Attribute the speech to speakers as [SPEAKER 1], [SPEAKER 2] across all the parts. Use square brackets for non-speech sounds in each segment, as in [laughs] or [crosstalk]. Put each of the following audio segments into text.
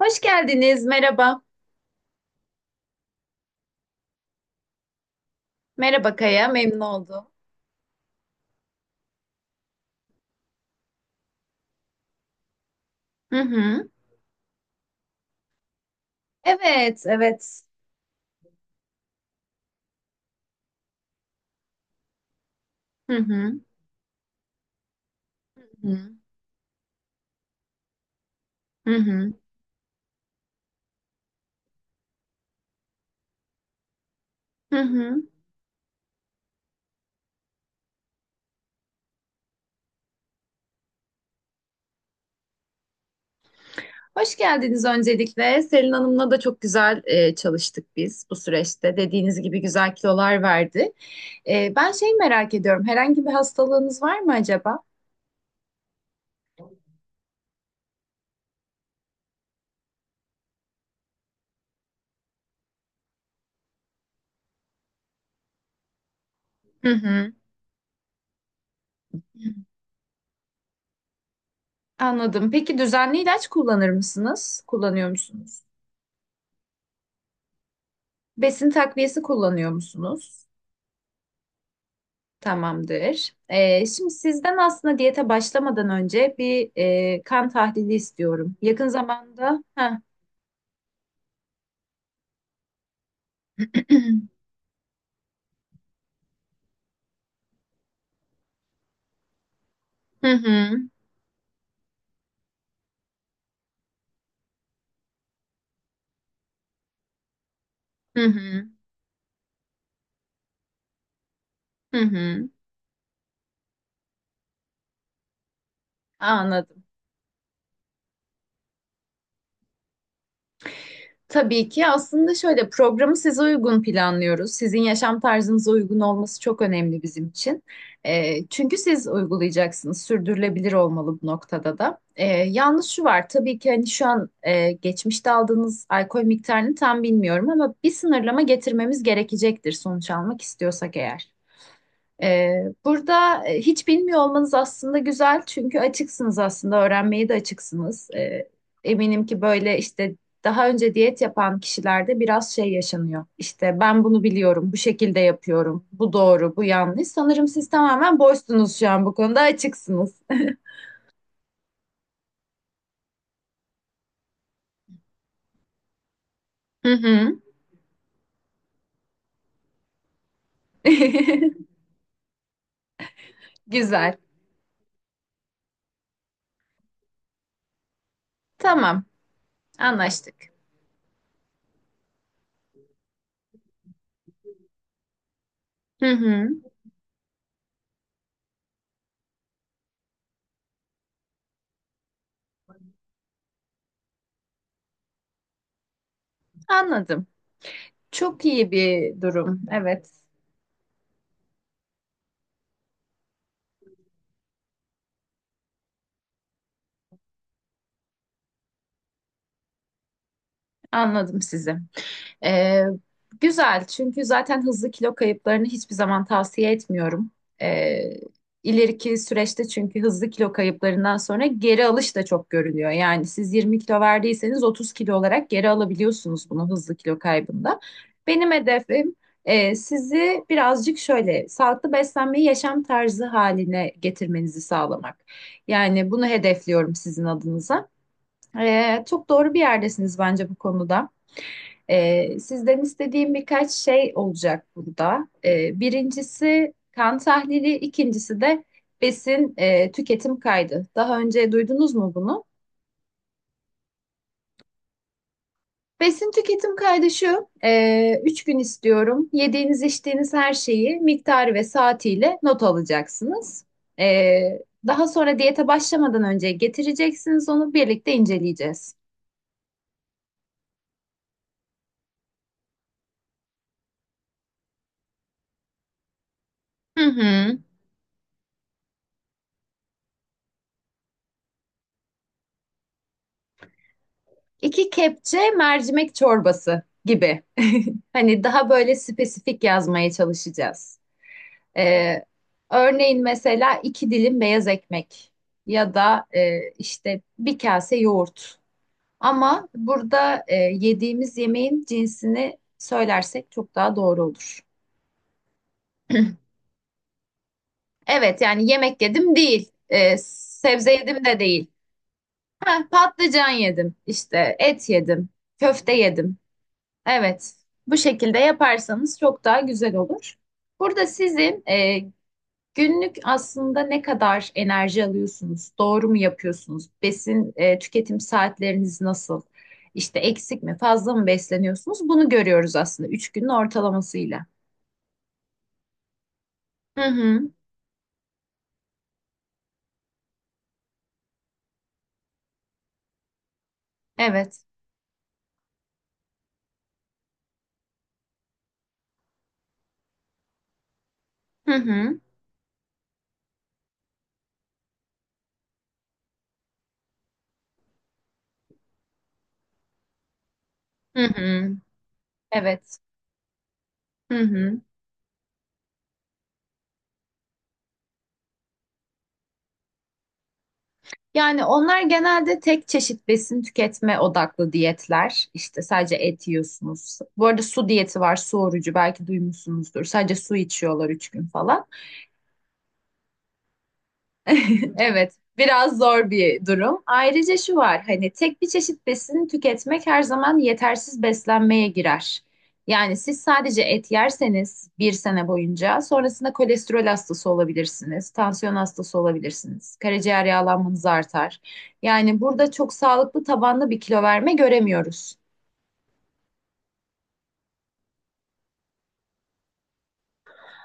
[SPEAKER 1] Hoş geldiniz. Merhaba. Merhaba Kaya. Memnun oldum. Hı hı. Evet, evet. Hı hı. Hı hı. Hı hı. Hı. Hoş geldiniz öncelikle. Selin Hanım'la da çok güzel çalıştık biz bu süreçte. Dediğiniz gibi güzel kilolar verdi. Ben şey merak ediyorum. Herhangi bir hastalığınız var mı acaba? Hı hı. Anladım. Peki düzenli ilaç kullanır mısınız? Kullanıyor musunuz? Besin takviyesi kullanıyor musunuz? Tamamdır. Şimdi sizden aslında diyete başlamadan önce bir kan tahlili istiyorum. Yakın zamanda. Ha. [clears throat] Hı hı. Hı hı. Hı hı. Anladım. Tabii ki aslında şöyle programı size uygun planlıyoruz. Sizin yaşam tarzınıza uygun olması çok önemli bizim için. Çünkü siz uygulayacaksınız. Sürdürülebilir olmalı bu noktada da. Yalnız şu var tabii ki, hani şu an geçmişte aldığınız alkol miktarını tam bilmiyorum ama bir sınırlama getirmemiz gerekecektir sonuç almak istiyorsak eğer. Burada hiç bilmiyor olmanız aslında güzel, çünkü açıksınız, aslında öğrenmeye de açıksınız. Eminim ki böyle işte daha önce diyet yapan kişilerde biraz şey yaşanıyor. İşte ben bunu biliyorum, bu şekilde yapıyorum, bu doğru, bu yanlış. Sanırım siz tamamen boşsunuz şu an, bu konuda açıksınız. Hı hı. [laughs] Güzel. Tamam, anlaştık. Hı hı. Anladım. Çok iyi bir durum. Evet, anladım sizi. Ee, Güzel çünkü zaten hızlı kilo kayıplarını hiçbir zaman tavsiye etmiyorum. Ee, ileriki süreçte, çünkü hızlı kilo kayıplarından sonra geri alış da çok görülüyor. Yani siz 20 kilo verdiyseniz 30 kilo olarak geri alabiliyorsunuz bunu hızlı kilo kaybında. Benim hedefim sizi birazcık şöyle sağlıklı beslenmeyi yaşam tarzı haline getirmenizi sağlamak. Yani bunu hedefliyorum sizin adınıza. Çok doğru bir yerdesiniz bence bu konuda. Sizden istediğim birkaç şey olacak burada. Birincisi kan tahlili, ikincisi de besin tüketim kaydı. Daha önce duydunuz mu bunu? Besin tüketim kaydı şu, 3 gün istiyorum. Yediğiniz, içtiğiniz her şeyi miktarı ve saatiyle not alacaksınız. Ee, Daha sonra diyete başlamadan önce getireceksiniz, onu birlikte inceleyeceğiz. Hı hı. 2 kepçe mercimek çorbası gibi. [laughs] Hani daha böyle spesifik yazmaya çalışacağız. Ee, Örneğin mesela 2 dilim beyaz ekmek ya da işte bir kase yoğurt. Ama burada yediğimiz yemeğin cinsini söylersek çok daha doğru olur. [clears throat] Evet, yani yemek yedim değil, sebze yedim de değil. Ha, patlıcan yedim, işte et yedim, köfte yedim. Evet, bu şekilde yaparsanız çok daha güzel olur. Burada sizin günlük aslında ne kadar enerji alıyorsunuz, doğru mu yapıyorsunuz, besin tüketim saatleriniz nasıl, işte eksik mi, fazla mı besleniyorsunuz, bunu görüyoruz aslında 3 günün ortalamasıyla. Hı hı, evet. Hı hı, hı hı, evet. Hı hı. Yani onlar genelde tek çeşit besin tüketme odaklı diyetler. İşte sadece et yiyorsunuz. Bu arada su diyeti var, su orucu, belki duymuşsunuzdur. Sadece su içiyorlar 3 gün falan. [laughs] Evet, biraz zor bir durum. Ayrıca şu var, hani tek bir çeşit besin tüketmek her zaman yetersiz beslenmeye girer. Yani siz sadece et yerseniz bir sene boyunca sonrasında kolesterol hastası olabilirsiniz, tansiyon hastası olabilirsiniz, karaciğer yağlanmanız artar. Yani burada çok sağlıklı tabanlı bir kilo verme göremiyoruz.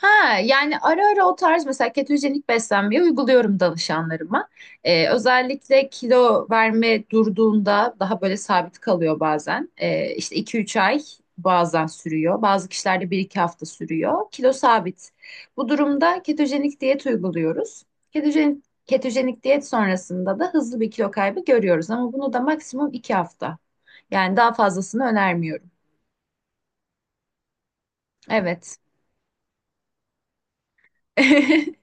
[SPEAKER 1] Ha, yani ara ara o tarz mesela ketojenik beslenmeyi uyguluyorum danışanlarıma. Özellikle kilo verme durduğunda daha böyle sabit kalıyor bazen. İşte 2-3 ay bazen sürüyor. Bazı kişilerde bir 2 hafta sürüyor. Kilo sabit. Bu durumda ketojenik diyet uyguluyoruz. Ketojenik diyet sonrasında da hızlı bir kilo kaybı görüyoruz ama bunu da maksimum 2 hafta. Yani daha fazlasını önermiyorum. Evet. [laughs]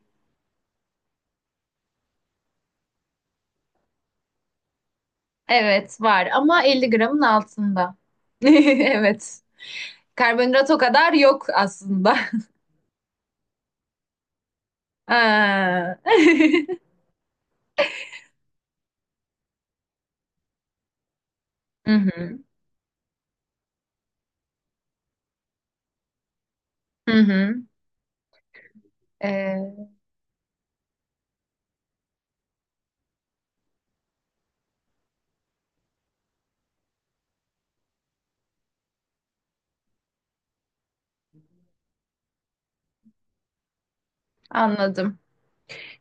[SPEAKER 1] Evet var ama 50 gramın altında. [laughs] Evet. Karbonhidrat o kadar yok aslında. [laughs] Ha. [laughs] Hı hı. Hı hı. Ee, Anladım.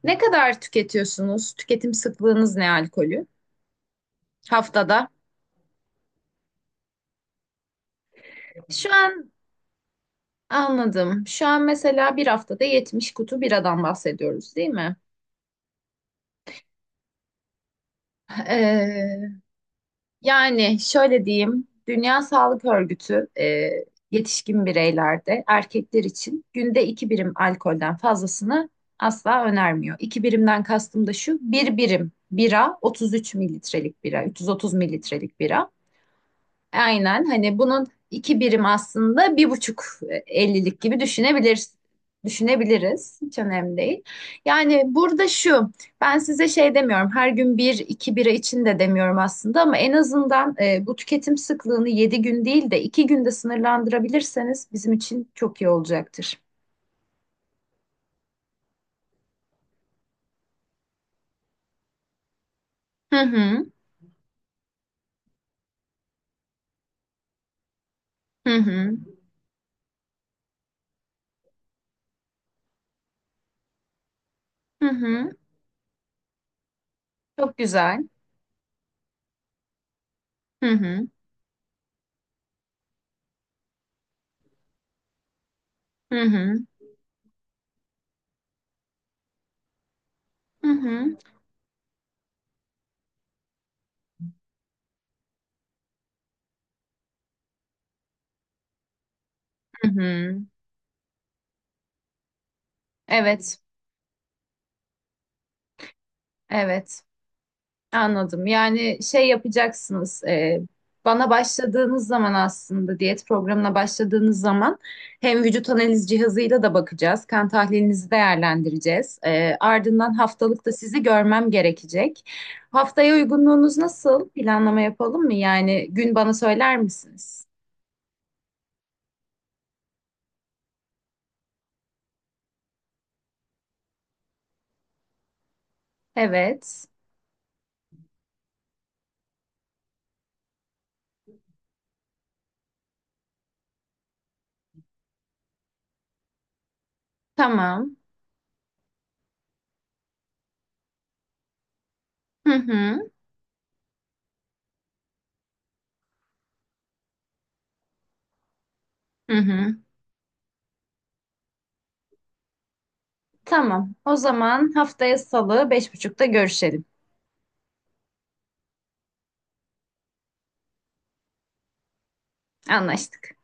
[SPEAKER 1] Ne kadar tüketiyorsunuz? Tüketim sıklığınız ne alkolü? Haftada. Şu an anladım. Şu an mesela bir haftada 70 kutu biradan bahsediyoruz, değil mi? Ee, Yani şöyle diyeyim, Dünya Sağlık Örgütü yetişkin bireylerde erkekler için günde 2 birim alkolden fazlasını asla önermiyor. 2 birimden kastım da şu, bir birim bira 33 mililitrelik bira, 330 mililitrelik bira. Aynen, hani bunun 2 birim aslında 1,5 ellilik gibi düşünebiliriz. Düşünebiliriz. Hiç önemli değil. Yani burada şu, ben size şey demiyorum, her gün bir iki bira için de demiyorum aslında, ama en azından bu tüketim sıklığını 7 gün değil de 2 günde sınırlandırabilirseniz bizim için çok iyi olacaktır. Hı hı, hı hı, hı hı, çok güzel. Hı hı, hı hı, hı hı, hı. Hı. Evet, evet. Anladım. Yani şey yapacaksınız. Bana başladığınız zaman, aslında diyet programına başladığınız zaman, hem vücut analiz cihazıyla da bakacağız. Kan tahlilinizi değerlendireceğiz. Ardından haftalık da sizi görmem gerekecek. Haftaya uygunluğunuz nasıl? Planlama yapalım mı? Yani gün bana söyler misiniz? Evet. Tamam. Hı hı. Hı hı. Tamam. O zaman haftaya Salı 5.30'ta görüşelim. Anlaştık.